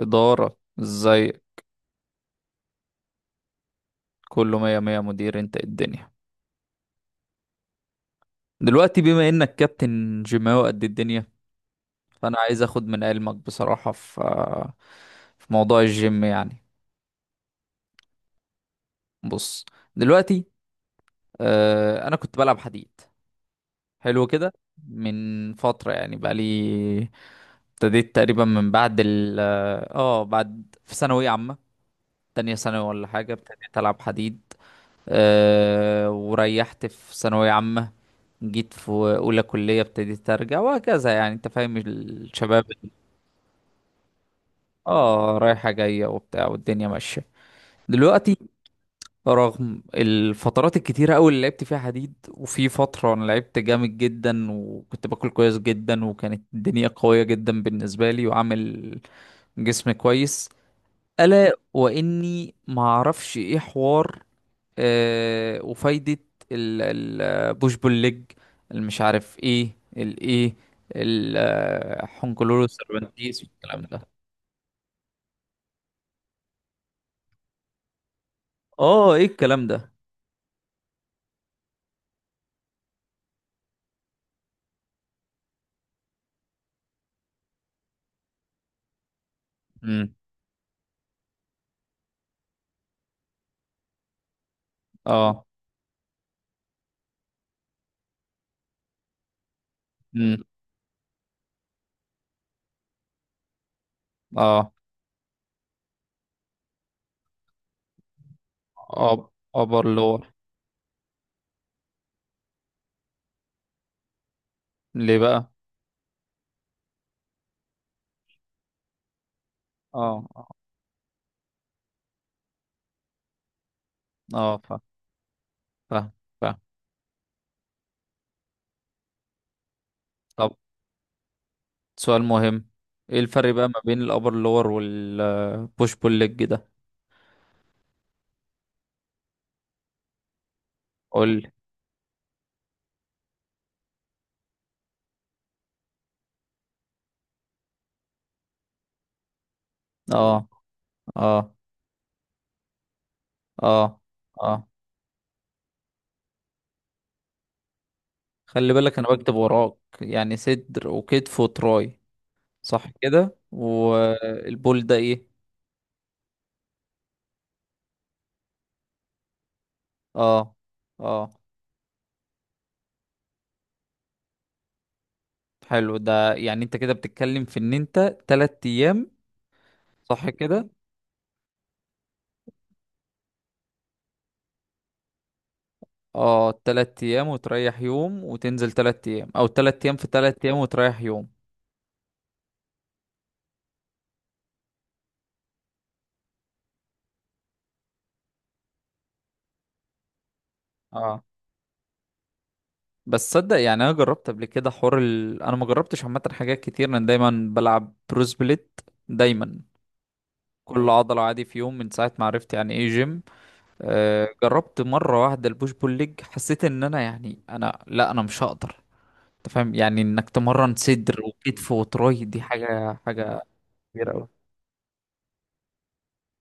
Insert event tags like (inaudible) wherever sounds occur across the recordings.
إدارة ازاي؟ كله مية مية، مدير. انت إيه الدنيا؟ دلوقتي بما انك كابتن جيماوي، قد إيه الدنيا؟ فانا عايز اخد من علمك بصراحة في موضوع الجيم يعني. بص. دلوقتي، انا كنت بلعب حديد، حلو كده. من فترة يعني، بقالي ابتديت تقريبا من بعد ال اه آه، بعد في ثانوية عامة، تانية ثانوي ولا حاجة، ابتديت ألعب حديد. وريحت في ثانوية عامة، جيت في اولى كلية ابتديت ارجع وهكذا. يعني انت فاهم الشباب، اه، رايحة جاية وبتاع والدنيا ماشية. دلوقتي، رغم الفترات الكتيرة أوي اللي لعبت فيها حديد، وفي فترة أنا لعبت جامد جدا وكنت باكل كويس جدا وكانت الدنيا قوية جدا بالنسبة لي وعامل جسم كويس، ألا وإني معرفش إيه حوار وفايدة البوش بول ليج، المش عارف ايه الايه، الحنكلورو سيرفانتيس والكلام ده. اه، ايه الكلام ده؟ امم. اه. امم. اه. ابر لور. ليه بقى؟ اه، اه، آه، فاهم. فاهم. فاهم. طب، سؤال مهم. ايه الفرق بقى ما بين الابر لور والبوش بول ليج ده؟ قول لي. اه. اه. اه. اه. خلي بالك انا بكتب وراك، يعني صدر وكتف وتراي، صح كده؟ والبول ده ايه؟ اه. اه. حلو. ده يعني انت كده بتتكلم في ان انت 3 ايام، صح كده؟ اه، تلات ايام وتريح يوم وتنزل تلات ايام، او تلات ايام في تلات ايام وتريح يوم. اه، بس صدق، يعني انا جربت قبل كده حوار انا ما جربتش عامه حاجات كتير، انا دايما بلعب بروس بليت. دايما كل عضله عادي، في يوم، من ساعه ما عرفت يعني ايه جيم. جربت مرة واحدة البوش بول ليج، حسيت ان انا، يعني انا، لا، انا مش هقدر. انت فاهم يعني انك تمرن صدر وكتف وتراي دي حاجة حاجة كبيرة اوي.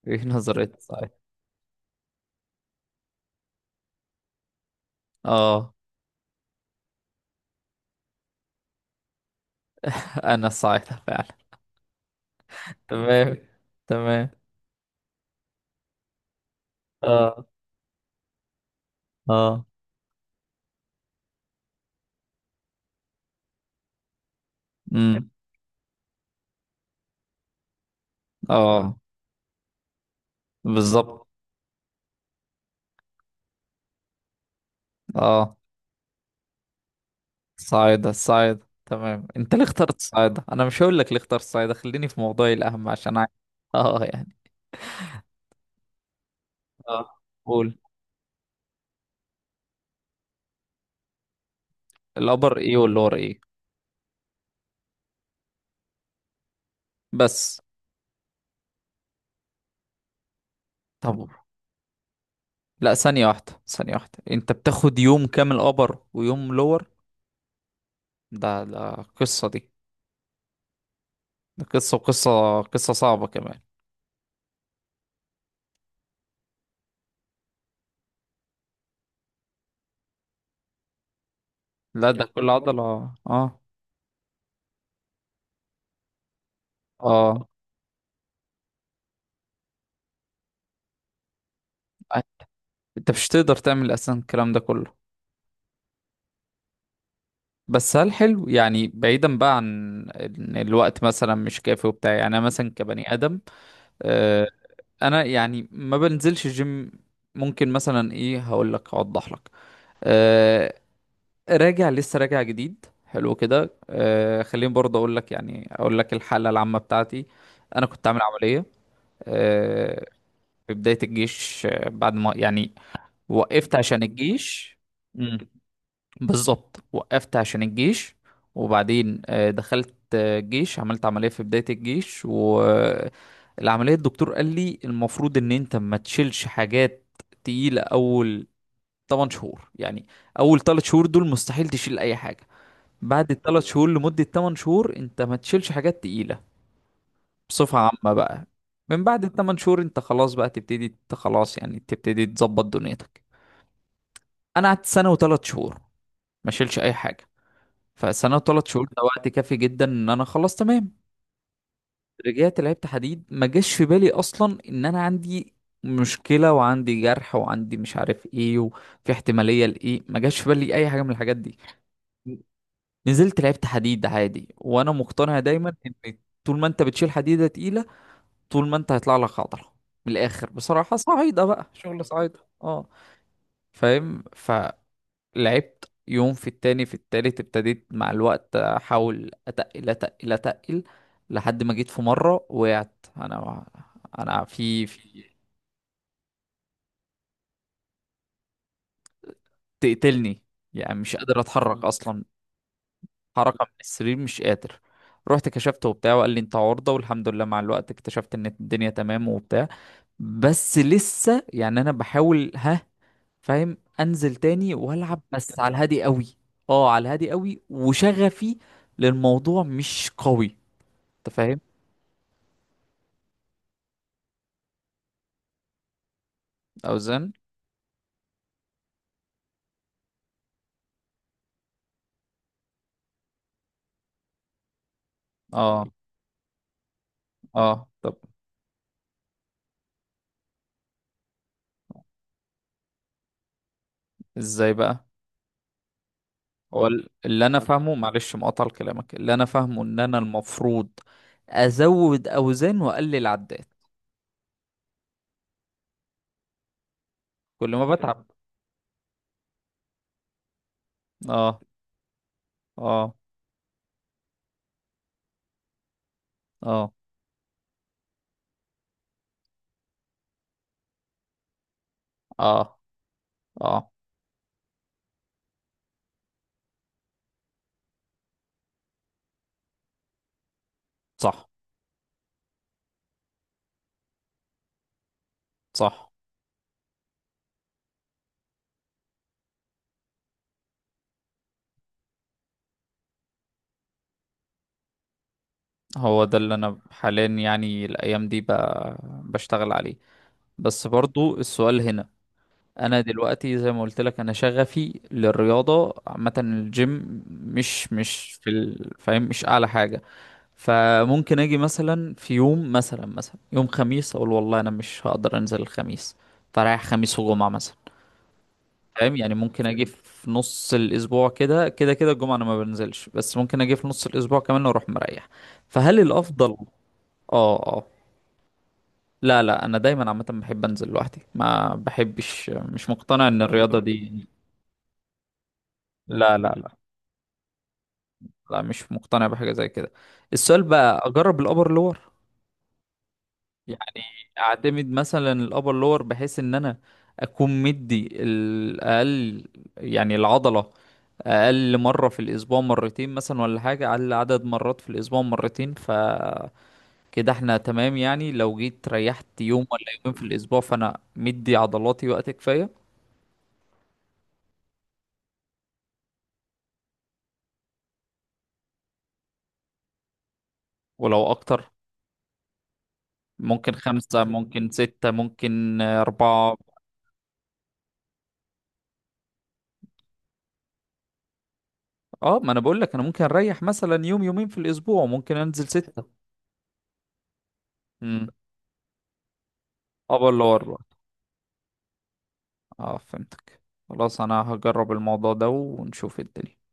(laughs) ايه نظرية، صحيح؟ اه، انا صحيح فعلا. تمام. تمام. اه. اه. امم. اه. بالظبط. اه. صاعدة صاعدة، تمام. انت ليه اخترت صاعدة؟ انا مش هقول لك ليه اخترت صاعدة، خليني في موضوعي الاهم عشان اه، يعني، اه، قول. الابر ايه واللور ايه؟ بس. طب، لا، ثانية واحدة، ثانية واحدة، انت بتاخد يوم كامل ابر ويوم لور؟ ده قصة دي. ده قصة، وقصة صعبة كمان. لا يا، ده كل خبر عضلة، اه. اه، انت مش تقدر تعمل اساسا الكلام ده كله. بس هل حلو، يعني بعيدا بقى عن ان الوقت مثلا مش كافي وبتاع، يعني انا مثلا كبني ادم، آه انا يعني ما بنزلش الجيم، ممكن مثلا ايه، هقول لك، اوضح لك. آه، راجع، لسه راجع جديد، حلو كده. خليني برضه اقول لك، يعني اقول لك الحاله العامه بتاعتي. انا كنت عامل عمليه آه في بدايه الجيش، بعد ما يعني وقفت عشان الجيش. مم. بالظبط، وقفت عشان الجيش، وبعدين دخلت الجيش، عملت عمليه في بدايه الجيش، والعمليه الدكتور قال لي المفروض ان انت ما تشيلش حاجات تقيله اول 8 شهور يعني. اول 3 شهور دول مستحيل تشيل اي حاجه. بعد الثلاث شهور، لمدة 8 شهور، انت ما تشيلش حاجات تقيلة بصفة عامة بقى. من بعد الثمان شهور انت خلاص بقى تبتدي، انت خلاص يعني تبتدي تظبط دنيتك. انا قعدت سنة وثلاث شهور ما شيلش اي حاجة. فسنة وثلاث شهور ده وقت كافي جدا ان انا خلاص تمام. رجعت لعبت حديد، ما جاش في بالي اصلا ان انا عندي مشكلة وعندي جرح وعندي مش عارف ايه وفي احتمالية لايه، ما جاش في بالي اي حاجة من الحاجات دي. نزلت لعبت حديد عادي، وانا مقتنع دايما ان طول ما انت بتشيل حديده تقيله، طول ما انت هيطلع لك عضله. من الاخر، بصراحه، صعيده بقى، شغل صعيده، اه. فاهم. فلعبت يوم، في التاني، في التالت ابتديت مع الوقت، احاول اتقل، اتقل، اتقل، لحد ما جيت في مره وقعت. انا في تقتلني، يعني مش قادر اتحرك اصلا، حركة من السرير مش قادر. رحت كشفته وبتاع، وقال لي انت عورضة، والحمد لله مع الوقت اكتشفت ان الدنيا تمام وبتاع. بس لسه يعني انا بحاول، ها، فاهم، انزل تاني والعب بس على الهادي قوي. اه، على الهادي قوي، وشغفي للموضوع مش قوي، انت فاهم. اوزان. اه. اه. طب، ازاي بقى؟ هو اللي انا فاهمه، معلش مقاطع كلامك، اللي انا فاهمه ان انا المفروض ازود اوزان واقلل عدات. كل ما بتعب. اه. اه. اه. اه. اه. صح. صح. هو ده اللي انا حاليا، يعني الايام دي بشتغل عليه. بس برضو السؤال هنا، انا دلوقتي زي ما قلت لك، انا شغفي للرياضة عامة، الجيم مش في فاهم، مش اعلى حاجة. فممكن اجي مثلا في يوم، مثلا يوم خميس اقول والله انا مش هقدر انزل الخميس، فرايح خميس وجمعة مثلا. فاهم يعني، ممكن اجي في نص الاسبوع، كده كده كده الجمعه انا ما بنزلش، بس ممكن اجي في نص الاسبوع كمان واروح مريح. فهل الافضل؟ اه. اه. لا، لا، انا دايما عامه بحب انزل لوحدي، ما بحبش، مش مقتنع ان الرياضه دي. لا، لا، لا. لا، مش مقتنع بحاجه زي كده. السؤال بقى، اجرب الابر لور؟ يعني اعتمد مثلا الابر لور بحيث ان انا اكون مدي الاقل، يعني العضله اقل مره في الاسبوع، مرتين مثلا ولا حاجه، اقل عدد مرات في الاسبوع مرتين، فكده احنا تمام. يعني لو جيت ريحت يوم ولا يومين في الاسبوع، فانا مدي عضلاتي وقت كفايه. ولو اكتر ممكن خمسة، ممكن ستة، ممكن أربعة. اه، ما انا بقول لك انا ممكن اريح مثلا يوم يومين في الاسبوع ممكن انزل ستة. امم. ابر لور. اه، فهمتك. خلاص، انا هجرب الموضوع ده ونشوف الدنيا.